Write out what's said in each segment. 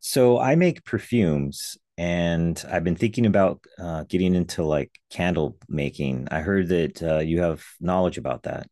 So I make perfumes and I've been thinking about getting into like candle making. I heard that you have knowledge about that.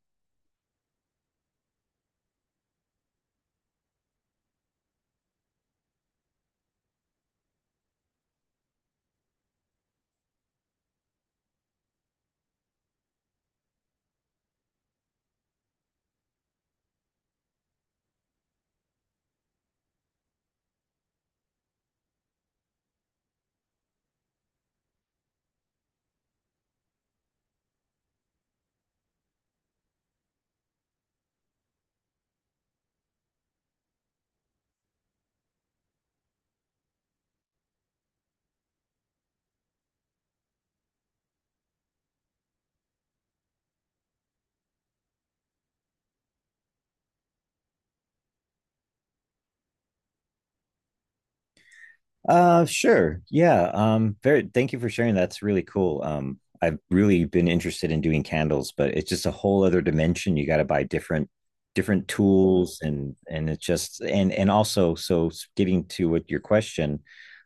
Sure. Yeah. Thank you for sharing. That's really cool. I've really been interested in doing candles, but it's just a whole other dimension. You got to buy different tools and it's just, and also, so getting to what your question,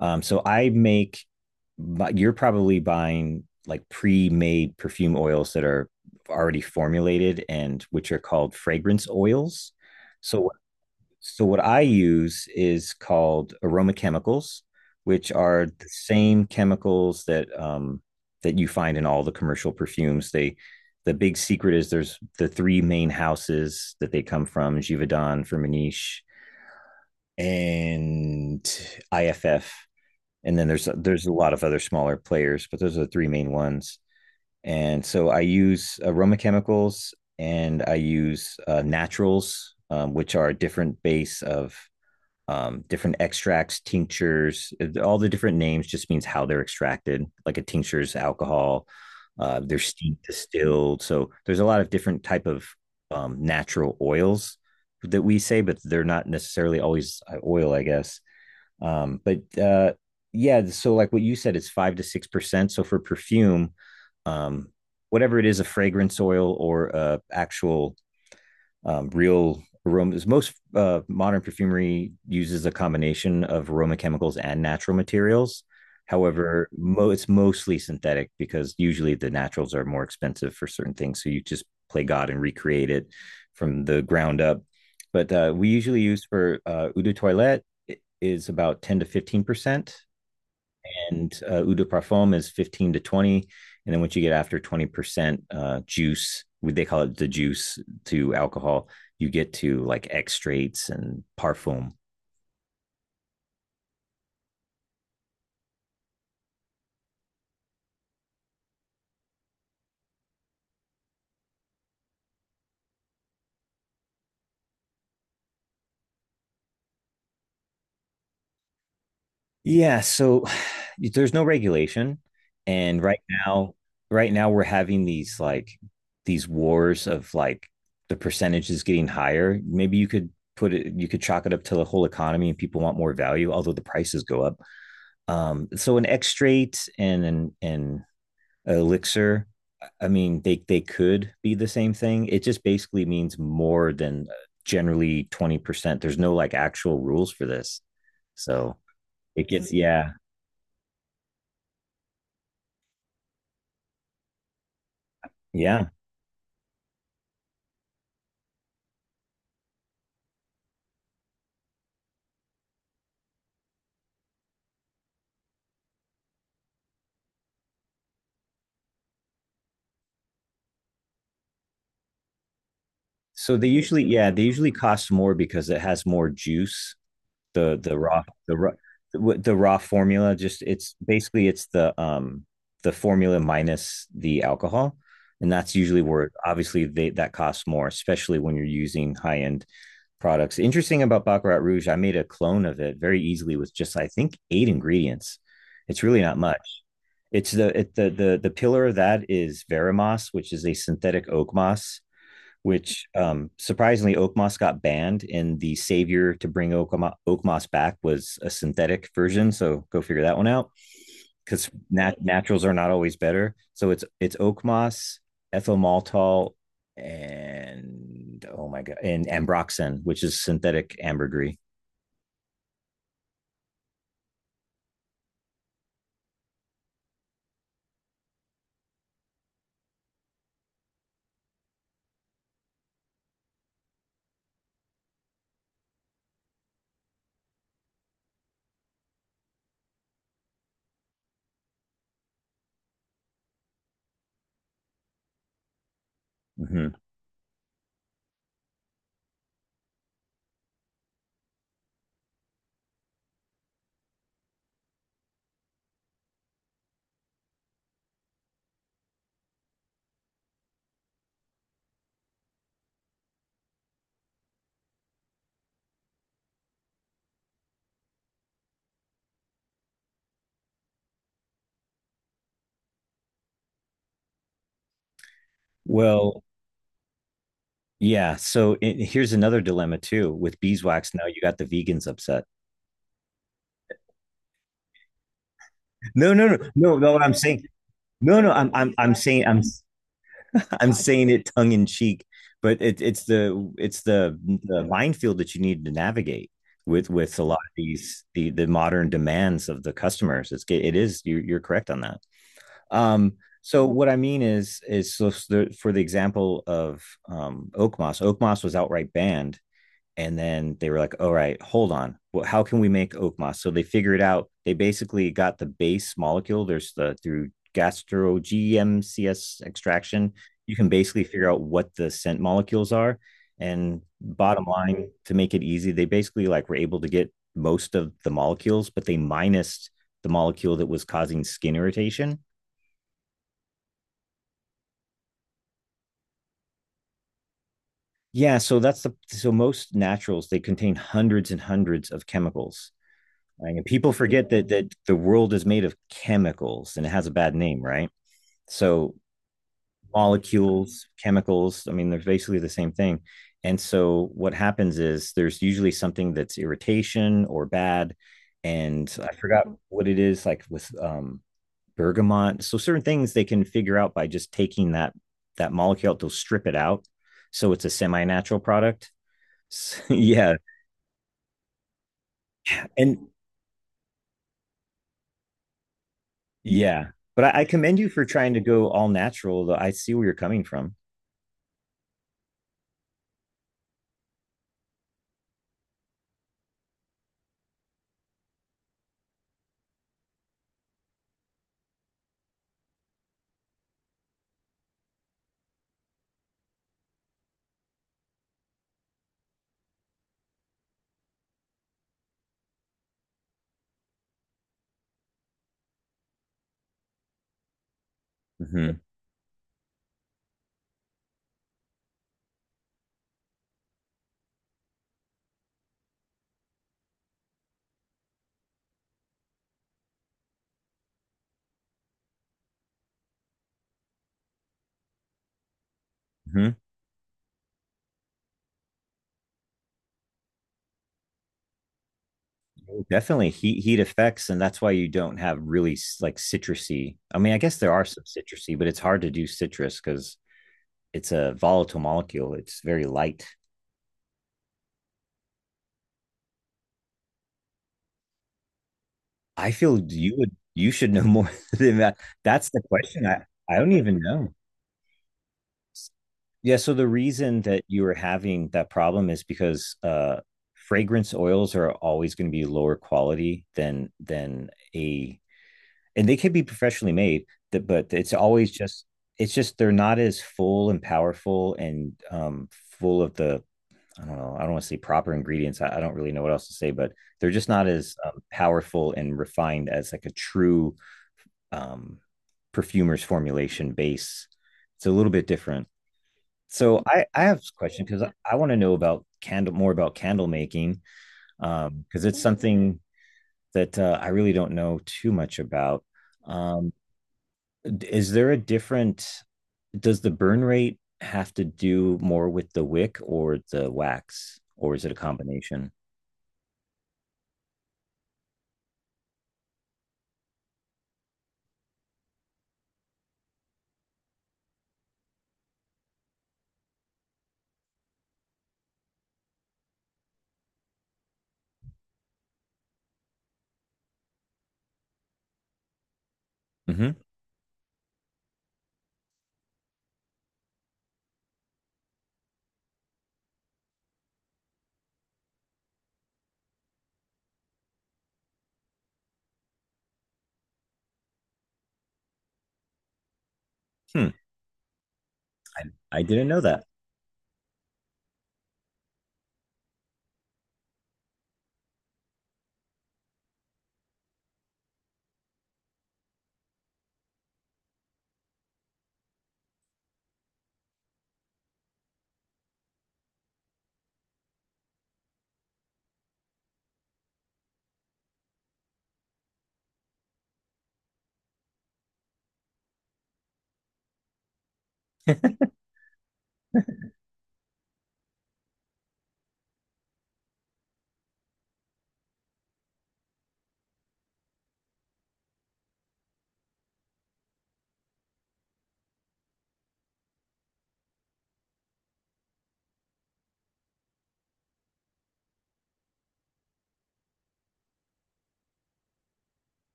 so I make, but you're probably buying like pre-made perfume oils that are already formulated and which are called fragrance oils. So so what I use is called aroma chemicals, which are the same chemicals that that you find in all the commercial perfumes. They, the big secret is there's the three main houses that they come from: Givaudan, Firmenich, and IFF. And then there's a lot of other smaller players, but those are the three main ones. And so I use aroma chemicals and I use naturals, which are a different base of different extracts, tinctures. All the different names just means how they're extracted. Like a tincture is alcohol, they're steamed, distilled. So there's a lot of different type of natural oils that we say, but they're not necessarily always oil, I guess. But yeah, so like what you said, it's 5 to 6%. So for perfume, um, whatever it is, a fragrance oil or a actual real aromas. Most modern perfumery uses a combination of aroma chemicals and natural materials. However, it's mostly synthetic because usually the naturals are more expensive for certain things. So you just play God and recreate it from the ground up. But we usually use for eau de toilette is about 10 to 15 percent, and eau de parfum is 15 to 20, and then once you get after 20% juice, they call it the juice, to alcohol, you get to like extracts and parfum. Yeah, so there's no regulation, and right now, right now we're having these like these wars of like the percentage is getting higher. Maybe you could put it, you could chalk it up to the whole economy and people want more value although the prices go up. So an extract and an and elixir, I mean, they could be the same thing. It just basically means more than generally 20%. There's no like actual rules for this, so it gets, yeah. Yeah, so they usually, yeah, they usually cost more because it has more juice. The the raw the raw the raw formula just, it's basically it's the formula minus the alcohol, and that's usually where obviously they, that costs more, especially when you're using high end products. Interesting about Baccarat Rouge, I made a clone of it very easily with just I think eight ingredients. It's really not much. It's the it, the pillar of that is Veramoss, which is a synthetic oak moss. Which surprisingly, oak moss got banned, and the savior to bring oak moss back was a synthetic version. So go figure that one out, because naturals are not always better. So it's oak moss, ethyl maltol, and oh my god, and ambroxan, which is synthetic ambergris. Mhm. Well, yeah. So here's another dilemma too with beeswax. Now you got the vegans upset. No, no, no, no, no. What I'm saying, no, no. I'm saying it tongue in cheek, but it's the minefield that you need to navigate with a lot of these the modern demands of the customers. It is, you're correct on that. Um, so what I mean is, so for the example of Oak Moss was outright banned, and then they were like, all right, hold on, well, how can we make oak moss? So they figured out, they basically got the base molecule. There's the, through gastro gmcs extraction, you can basically figure out what the scent molecules are, and bottom line, to make it easy, they basically like were able to get most of the molecules, but they minused the molecule that was causing skin irritation. Yeah, so most naturals, they contain hundreds and hundreds of chemicals. Right? And people forget that that the world is made of chemicals and it has a bad name, right? So molecules, chemicals, I mean, they're basically the same thing. And so what happens is there's usually something that's irritation or bad. And I forgot what it is, like with bergamot. So certain things they can figure out by just taking that molecule, they'll strip it out. So it's a semi-natural product. Yeah. And yeah. But I commend you for trying to go all natural, though. I see where you're coming from. Hmm. Hmm. Definitely heat effects, and that's why you don't have really like citrusy. I mean, I guess there are some citrusy, but it's hard to do citrus because it's a volatile molecule. It's very light. I feel you should know more than that. That's the question. I don't even know. Yeah, so the reason that you are having that problem is because fragrance oils are always going to be lower quality than a, and they can be professionally made, but it's always just they're not as full and powerful and full of the, I don't know, I don't want to say proper ingredients. I don't really know what else to say, but they're just not as powerful and refined as like a true um, perfumer's formulation base. It's a little bit different. So I have a question because I want to know about candle more about candle making, because it's something that I really don't know too much about. Um, is there a different? Does the burn rate have to do more with the wick or the wax, or is it a combination? Hmm. Hmm. I, I didn't know that.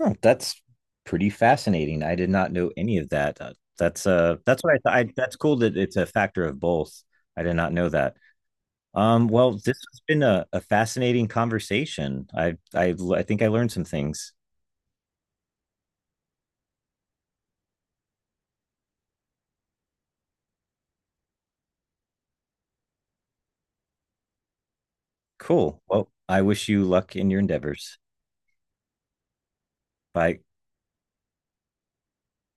Oh, that's pretty fascinating. I did not know any of that. That's what I thought. That's cool that it's a factor of both. I did not know that. Well, this has been a fascinating conversation. I think I learned some things. Cool. Well, I wish you luck in your endeavors. Bye.